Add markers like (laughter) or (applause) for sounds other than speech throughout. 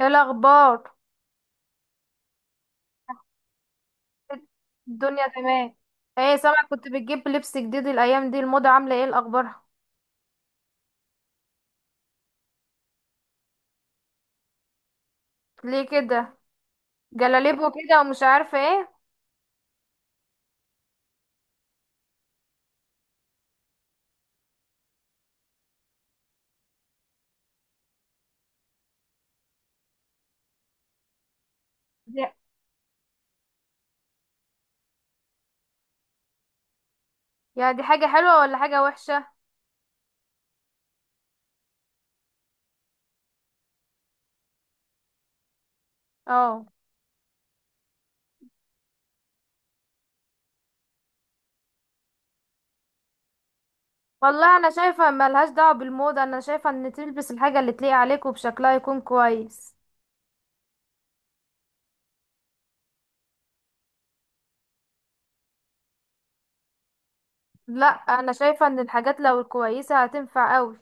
ايه الاخبار؟ الدنيا تمام. ايه سامع، كنت بتجيب لبس جديد الايام دي، الموضة عاملة ايه الاخبار؟ ليه كده؟ جلاليبو كده ومش عارفة ايه؟ دي- يا دي حاجة حلوة ولا حاجة وحشة؟ اه. والله انا شايفة ملهاش دعوة بالموضة، انا شايفة ان تلبس الحاجة اللي تليق عليك وبشكلها يكون كويس. لا، انا شايفة ان الحاجات لو الكويسة هتنفع قوي.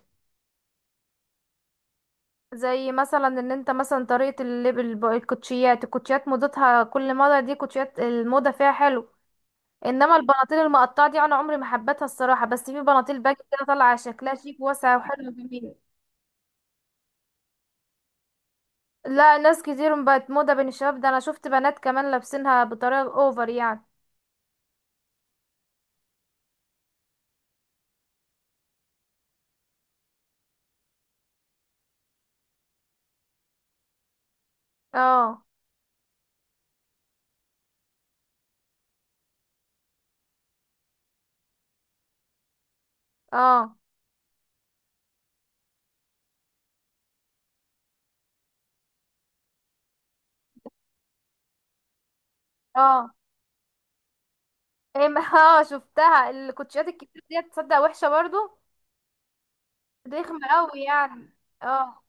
زي مثلا ان انت مثلا طريقة اللبس، الكوتشيات موضتها، كل موضة دي كوتشيات، الموضة فيها حلو. انما البناطيل المقطعه دي انا عمري ما حبيتها الصراحه، بس في بناطيل باجي كده طالعه شكلها شيك، واسعه وحلوه وجميله. لا، ناس كتير بقت موضه بين الشباب ده، انا شفت بنات كمان لابسينها بطريقه اوفر يعني. اه. اه. اه. ايه (laughs) اه، شفتها الكوتشيات الكتير دي، تصدق وحشه برضو، رخمه قوي يعني. اه.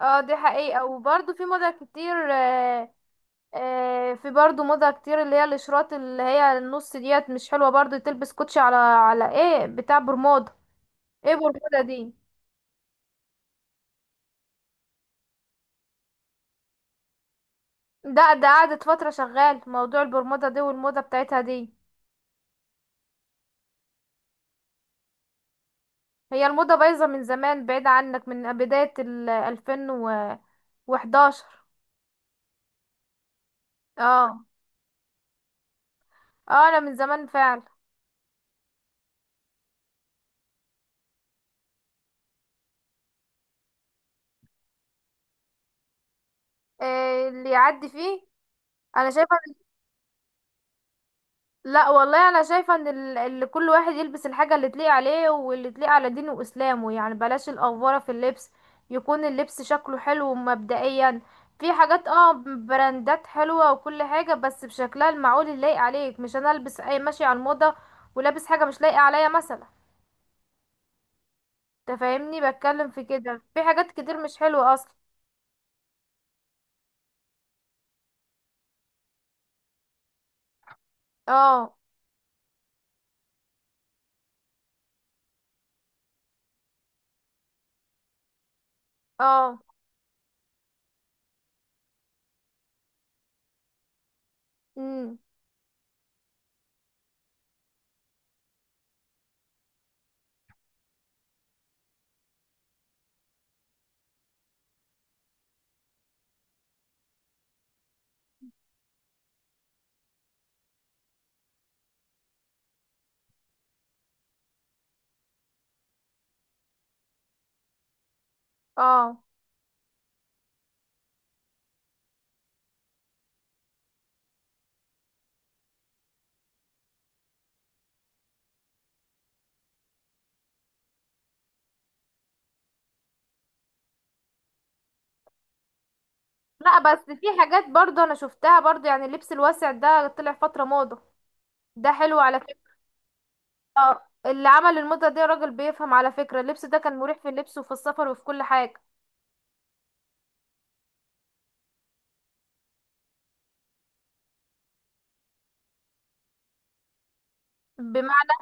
اه، دي حقيقه، وبرضو في موضه كتير. في برضو موضه كتير، اللي هي الاشراط، اللي هي النص ديت، مش حلوه، برضو تلبس كوتشي على ايه، بتاع برمودا. ايه برمودا دي؟ ده قعدت فترة شغال موضوع البرمودا دي والموضة بتاعتها دي. هي الموضة بايظة من زمان، بعيد عنك، من بداية ال 2011. اه. اه انا من زمان فعلا. إيه اللي يعدي فيه؟ انا شايفة، لا والله انا شايفه ان اللي كل واحد يلبس الحاجه اللي تليق عليه واللي تليق على دينه واسلامه، يعني بلاش الافوره في اللبس، يكون اللبس شكله حلو مبدئيا. في حاجات، اه، براندات حلوه وكل حاجه، بس بشكلها المعقول اللي لايق عليك، مش انا البس اي ماشي على الموضه ولابس حاجه مش لايقه عليا مثلا. تفهمني بتكلم في كده، في حاجات كتير مش حلوه اصلا. اه. اه. امم. اه. لا بس في حاجات برضه انا شفتها برضه، يعني اللبس الواسع ده طلع فتره موضه، ده حلو على فكرة. اه، اللي عمل الموضة دي راجل بيفهم على فكرة، اللبس ده كان مريح في اللبس وفي السفر وفي كل حاجة. بمعنى؟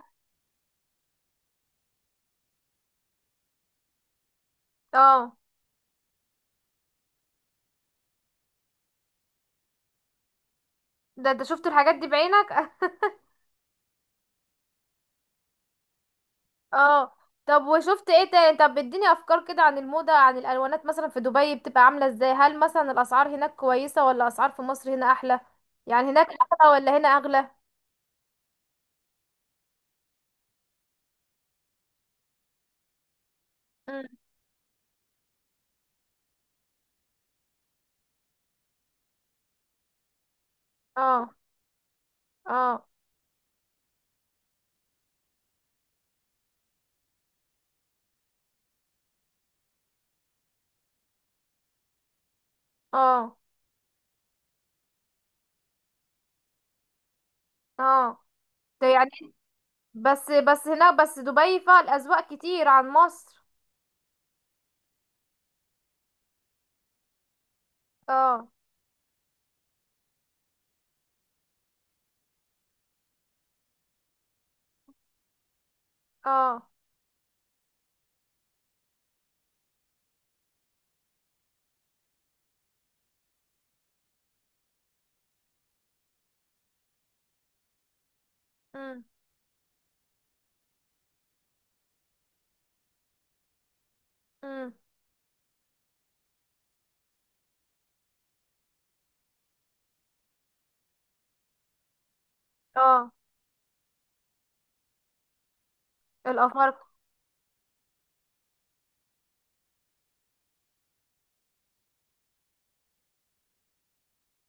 اه. ده شفت الحاجات دي بعينك (laughs) اه. طب وشفت ايه تاني؟ طب اديني افكار كده عن الموضة، عن الالوانات مثلا، في دبي بتبقى عاملة ازاي؟ هل مثلا الاسعار هناك كويسة ولا اسعار في مصر هنا احلى؟ يعني هناك احلى ولا هنا اغلى؟ مم. اه. اه. اه. اه. ده يعني بس هناك، بس دبي فيها الاذواق كتير عن مصر. اه. اه. مم. مم. اه الافارقة.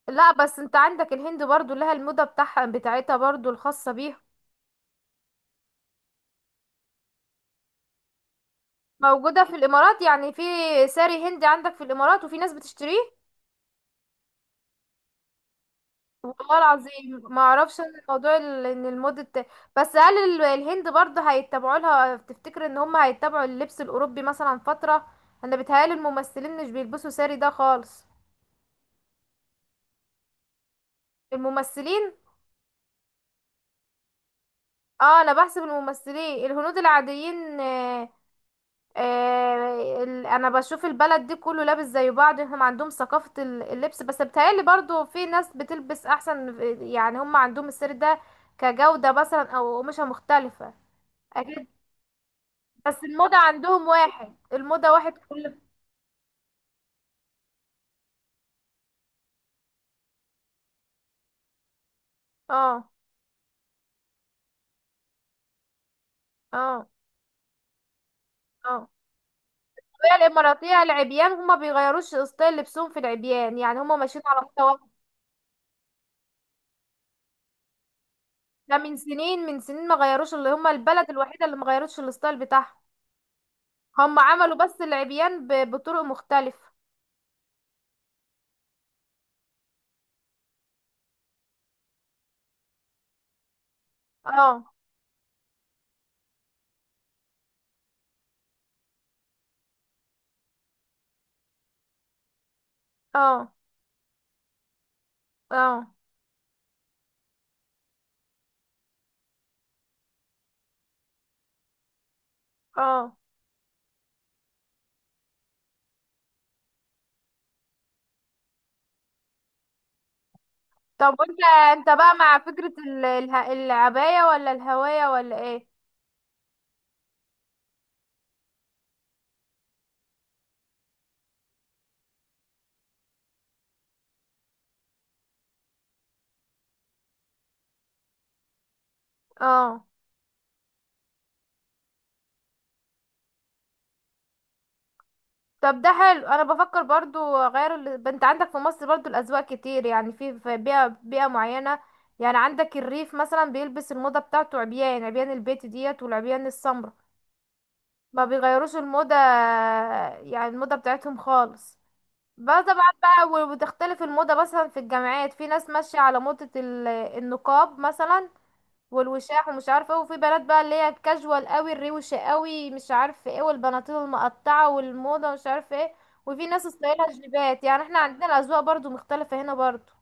لا بس انت عندك الهند برضو لها الموضة بتاعها بتاعتها برضو الخاصة بيها. موجودة في الامارات يعني، في ساري هندي عندك في الامارات وفي ناس بتشتريه. والله العظيم ما اعرفش انا الموضوع ان الموضة بس هل الهند برضو هيتبعوا لها، تفتكر ان هم هيتبعوا اللبس الاوروبي مثلا فترة؟ انا بيتهيألي الممثلين مش بيلبسوا ساري ده خالص. الممثلين؟ اه انا بحسب الممثلين الهنود العاديين. انا بشوف البلد دي كله لابس زي بعض، هم عندهم ثقافة اللبس، بس بتهيألي برضو في ناس بتلبس احسن. يعني هم عندهم السر ده كجودة مثلا او قماشة مختلفة. اكيد. بس الموضة عندهم واحد، الموضة واحد، كل. اه. اه. اه. هي الاماراتية العبيان هما بيغيروش ستايل لبسهم في العبيان، يعني هما ماشيين على موضة واحدة. ده من سنين، من سنين ما غيروش، اللي هما البلد الوحيدة اللي ما غيروش الستايل بتاعها. هما عملوا بس العبيان بطرق مختلفة. اه. اه. اه. اه. طب وانت، انت بقى مع فكرة العباية ولا الهواية ولا ايه؟ اه. طب ده حلو، انا بفكر برضو اغير ال... انت عندك في مصر برضو الاذواق كتير، يعني في، في بيئة معينة. يعني عندك الريف مثلا بيلبس الموضة بتاعته، عبيان، عبيان البيت ديت والعبيان السمراء، ما بيغيروش الموضة، يعني الموضة بتاعتهم خالص. بقى طبعا بقى، وتختلف الموضة مثلا في الجامعات، في ناس ماشية على موضة النقاب مثلا والوشاح ومش عارفه ايه، وفي بنات بقى اللي هي الكاجوال قوي الروشه قوي مش عارفه ايه، والبناطيل المقطعه والموضه مش عارفه ايه، وفي ناس ستايلها جليبات. يعني احنا عندنا الاذواق برضو مختلفه هنا برضو.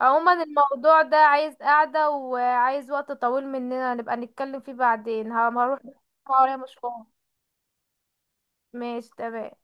عموما الموضوع ده عايز قعده وعايز وقت طويل مننا نبقى نتكلم فيه بعدين، هروح بس، هروح مشوار. ماشي، تمام.